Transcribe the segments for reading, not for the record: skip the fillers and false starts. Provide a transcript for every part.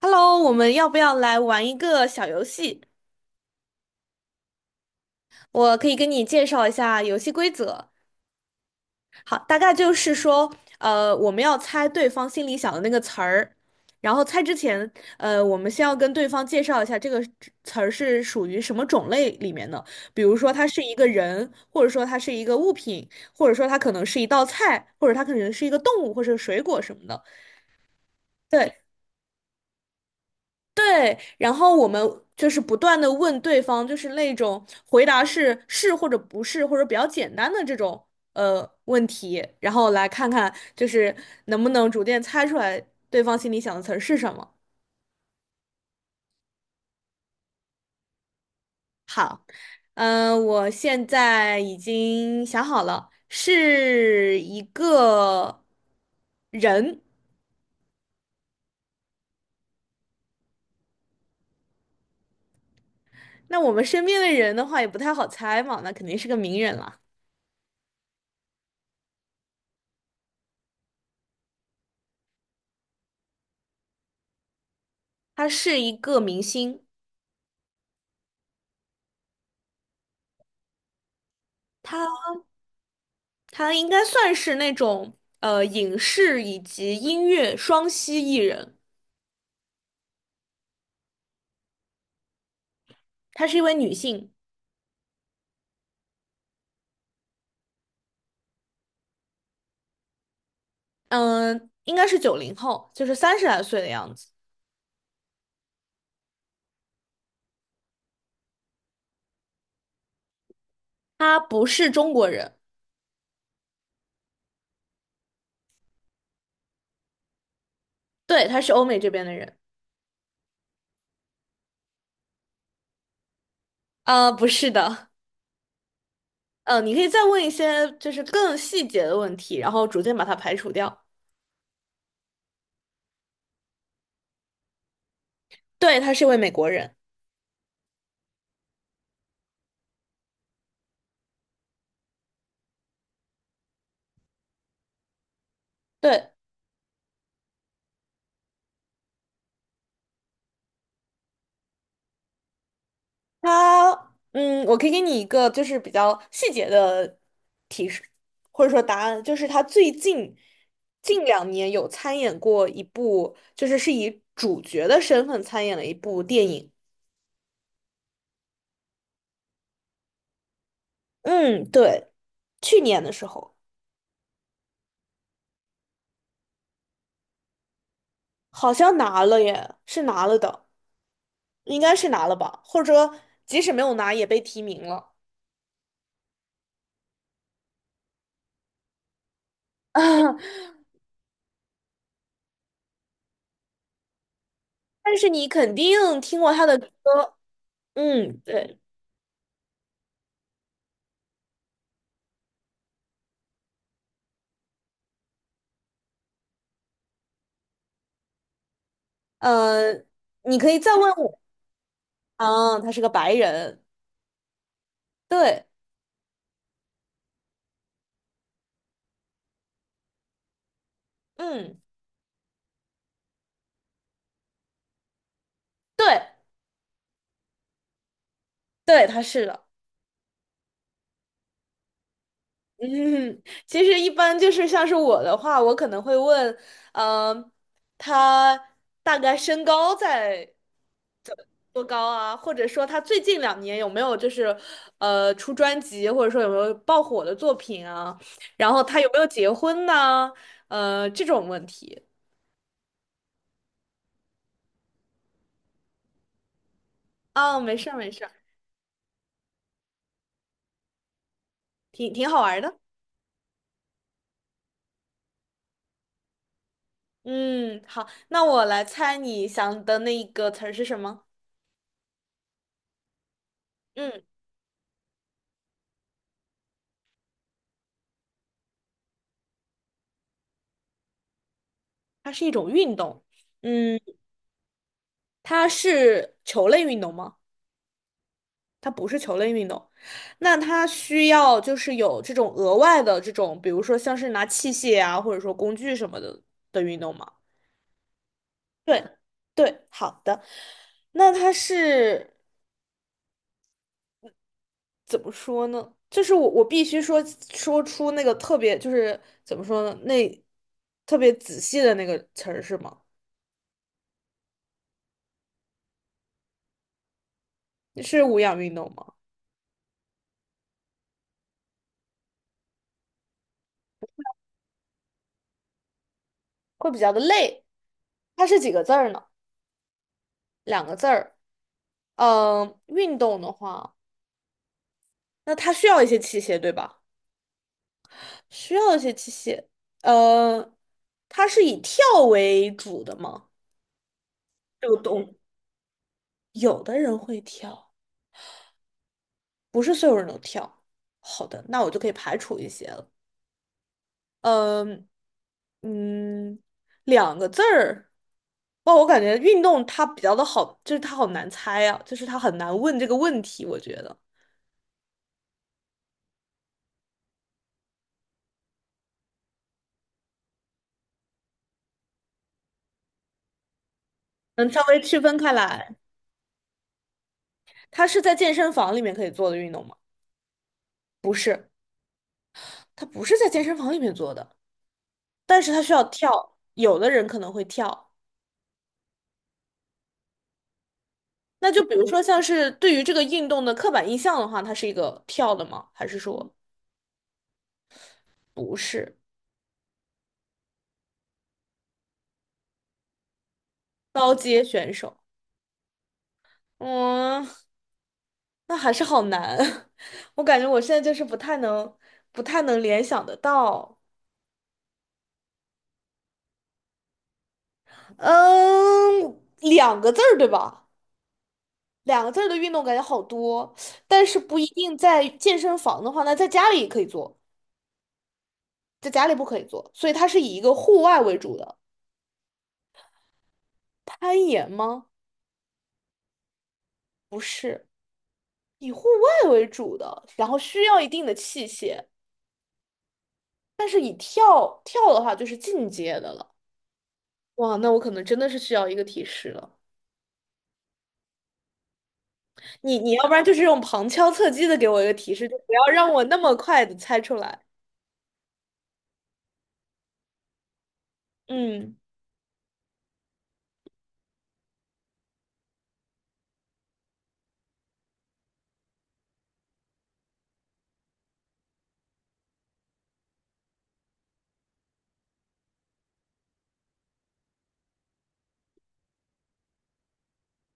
Hello,我们要不要来玩一个小游戏？我可以跟你介绍一下游戏规则。好，大概就是说，我们要猜对方心里想的那个词儿，然后猜之前，我们先要跟对方介绍一下这个词儿是属于什么种类里面的。比如说，它是一个人，或者说它是一个物品，或者说它可能是一道菜，或者它可能是一个动物或者水果什么的。对，对，然后我们就是不断的问对方，就是那种回答是是或者不是，或者比较简单的这种问题，然后来看看就是能不能逐渐猜出来对方心里想的词儿是什么。嗯、我现在已经想好了，是一个人。那我们身边的人的话也不太好猜嘛，那肯定是个名人了。他是一个明星。他。她应该算是那种影视以及音乐双栖艺人，她是一位女性，嗯、应该是九零后，就是三十来岁的样子。她不是中国人，对，她是欧美这边的人。啊，不是的，你可以再问一些就是更细节的问题，然后逐渐把它排除掉。对，她是一位美国人，对，他，嗯，我可以给你一个就是比较细节的提示，或者说答案，就是他最近近两年有参演过一部，就是是以主角的身份参演了一部电影。嗯，对，去年的时候好像拿了耶，是拿了的，应该是拿了吧，或者说即使没有拿也被提名了。但是你肯定听过他的歌，嗯，对，呃，你可以再问我。啊，他是个白人，对，嗯，对，对，他是的，嗯，其实一般就是像是我的话，我可能会问，嗯、他大概身高在多高啊？或者说他最近两年有没有就是出专辑，或者说有没有爆火的作品啊？然后他有没有结婚呢？这种问题啊，没事儿没事儿，挺好玩儿的。嗯，好，那我来猜你想的那一个词儿是什么？嗯，它是一种运动。嗯，它是球类运动吗？它不是球类运动。那它需要就是有这种额外的这种，比如说像是拿器械啊，或者说工具什么的的运动吗？对，对，好的。那它是怎么说呢？就是我必须说出那个特别就是怎么说呢？那特别仔细的那个词儿是吗？是无氧运动吗？会比较的累。它是几个字儿呢？两个字儿。嗯，运动的话，那它需要一些器械，对吧？需要一些器械。呃，它是以跳为主的吗？这个动，有的人会跳，不是所有人都跳。好的，那我就可以排除一些了。嗯嗯，两个字儿。哇，我感觉运动它比较的好，就是它好难猜啊，就是它很难问这个问题，我觉得能稍微区分开来。它是在健身房里面可以做的运动吗？不是。他不是在健身房里面做的，但是他需要跳，有的人可能会跳。那就比如说像是对于这个运动的刻板印象的话，它是一个跳的吗？还是说不是高阶选手？嗯，那还是好难，我感觉我现在就是不太能联想得到。嗯，两个字儿对吧？两个字儿的运动感觉好多，但是不一定在健身房的话，那在家里也可以做，在家里不可以做，所以它是以一个户外为主的。攀岩吗？不是，以户外为主的，然后需要一定的器械，但是以跳跳的话就是进阶的了。哇，那我可能真的是需要一个提示了。你要不然就是用旁敲侧击的给我一个提示，就不要让我那么快的猜出来。嗯，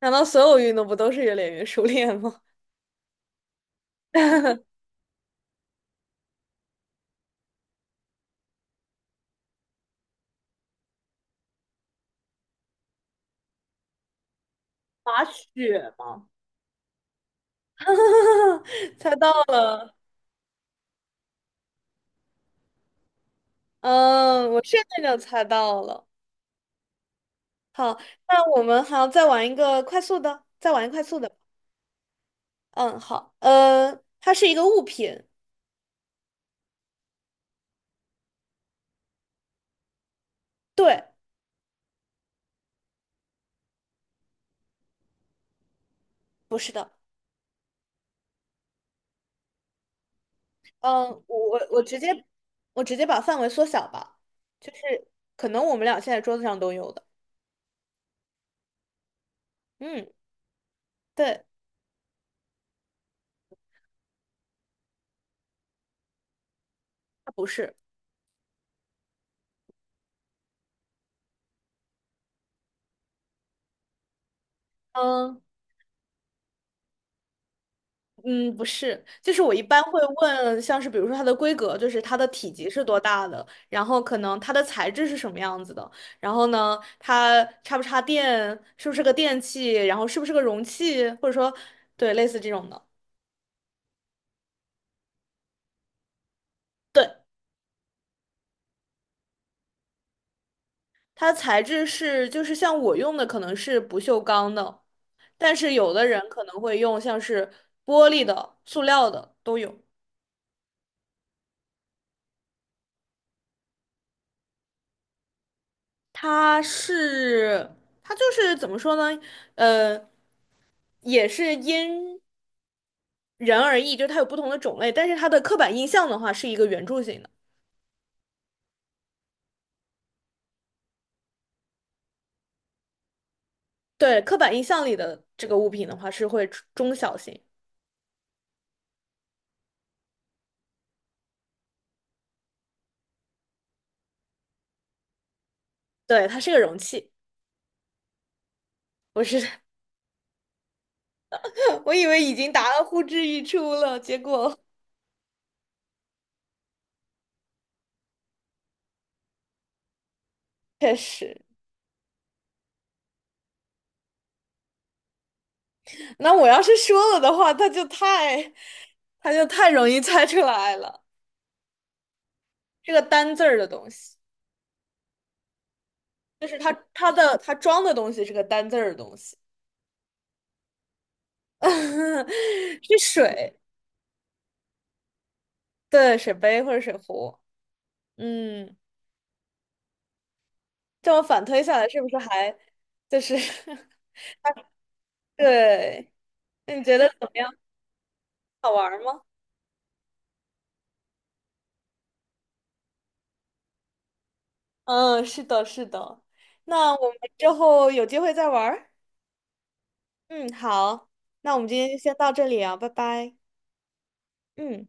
难道所有运动不都是越练越熟练吗？滑雪吗？猜到了，嗯，我现在就猜到了。好，那我们还要再玩一个快速的，再玩一个快速的。嗯，好，它是一个物品，对，不是的，嗯，我直接我直接把范围缩小吧，就是可能我们俩现在桌子上都有的，嗯，对，它不是，嗯嗯，不是，就是我一般会问，像是比如说它的规格，就是它的体积是多大的，然后可能它的材质是什么样子的，然后呢，它插不插电，是不是个电器，然后是不是个容器，或者说对类似这种的，对，它材质是就是像我用的可能是不锈钢的，但是有的人可能会用像是玻璃的、塑料的都有。它是它就是怎么说呢？呃，也是因人而异，就它有不同的种类，但是它的刻板印象的话是一个圆柱形的。对，刻板印象里的这个物品的话是会中小型，对，它是个容器。我是 我以为已经答到呼之欲出了，结果 确实。那我要是说了的话，他就太，他就太容易猜出来了。是个单字儿的东西，就是他装的东西是个单字儿的东西，是水，对，水杯或者水壶。嗯，这么反推下来，是不是还就是 对？那你觉得怎么样？好玩儿吗？嗯，是的，是的。那我们之后有机会再玩儿。嗯，好，那我们今天就先到这里啊，拜拜。嗯。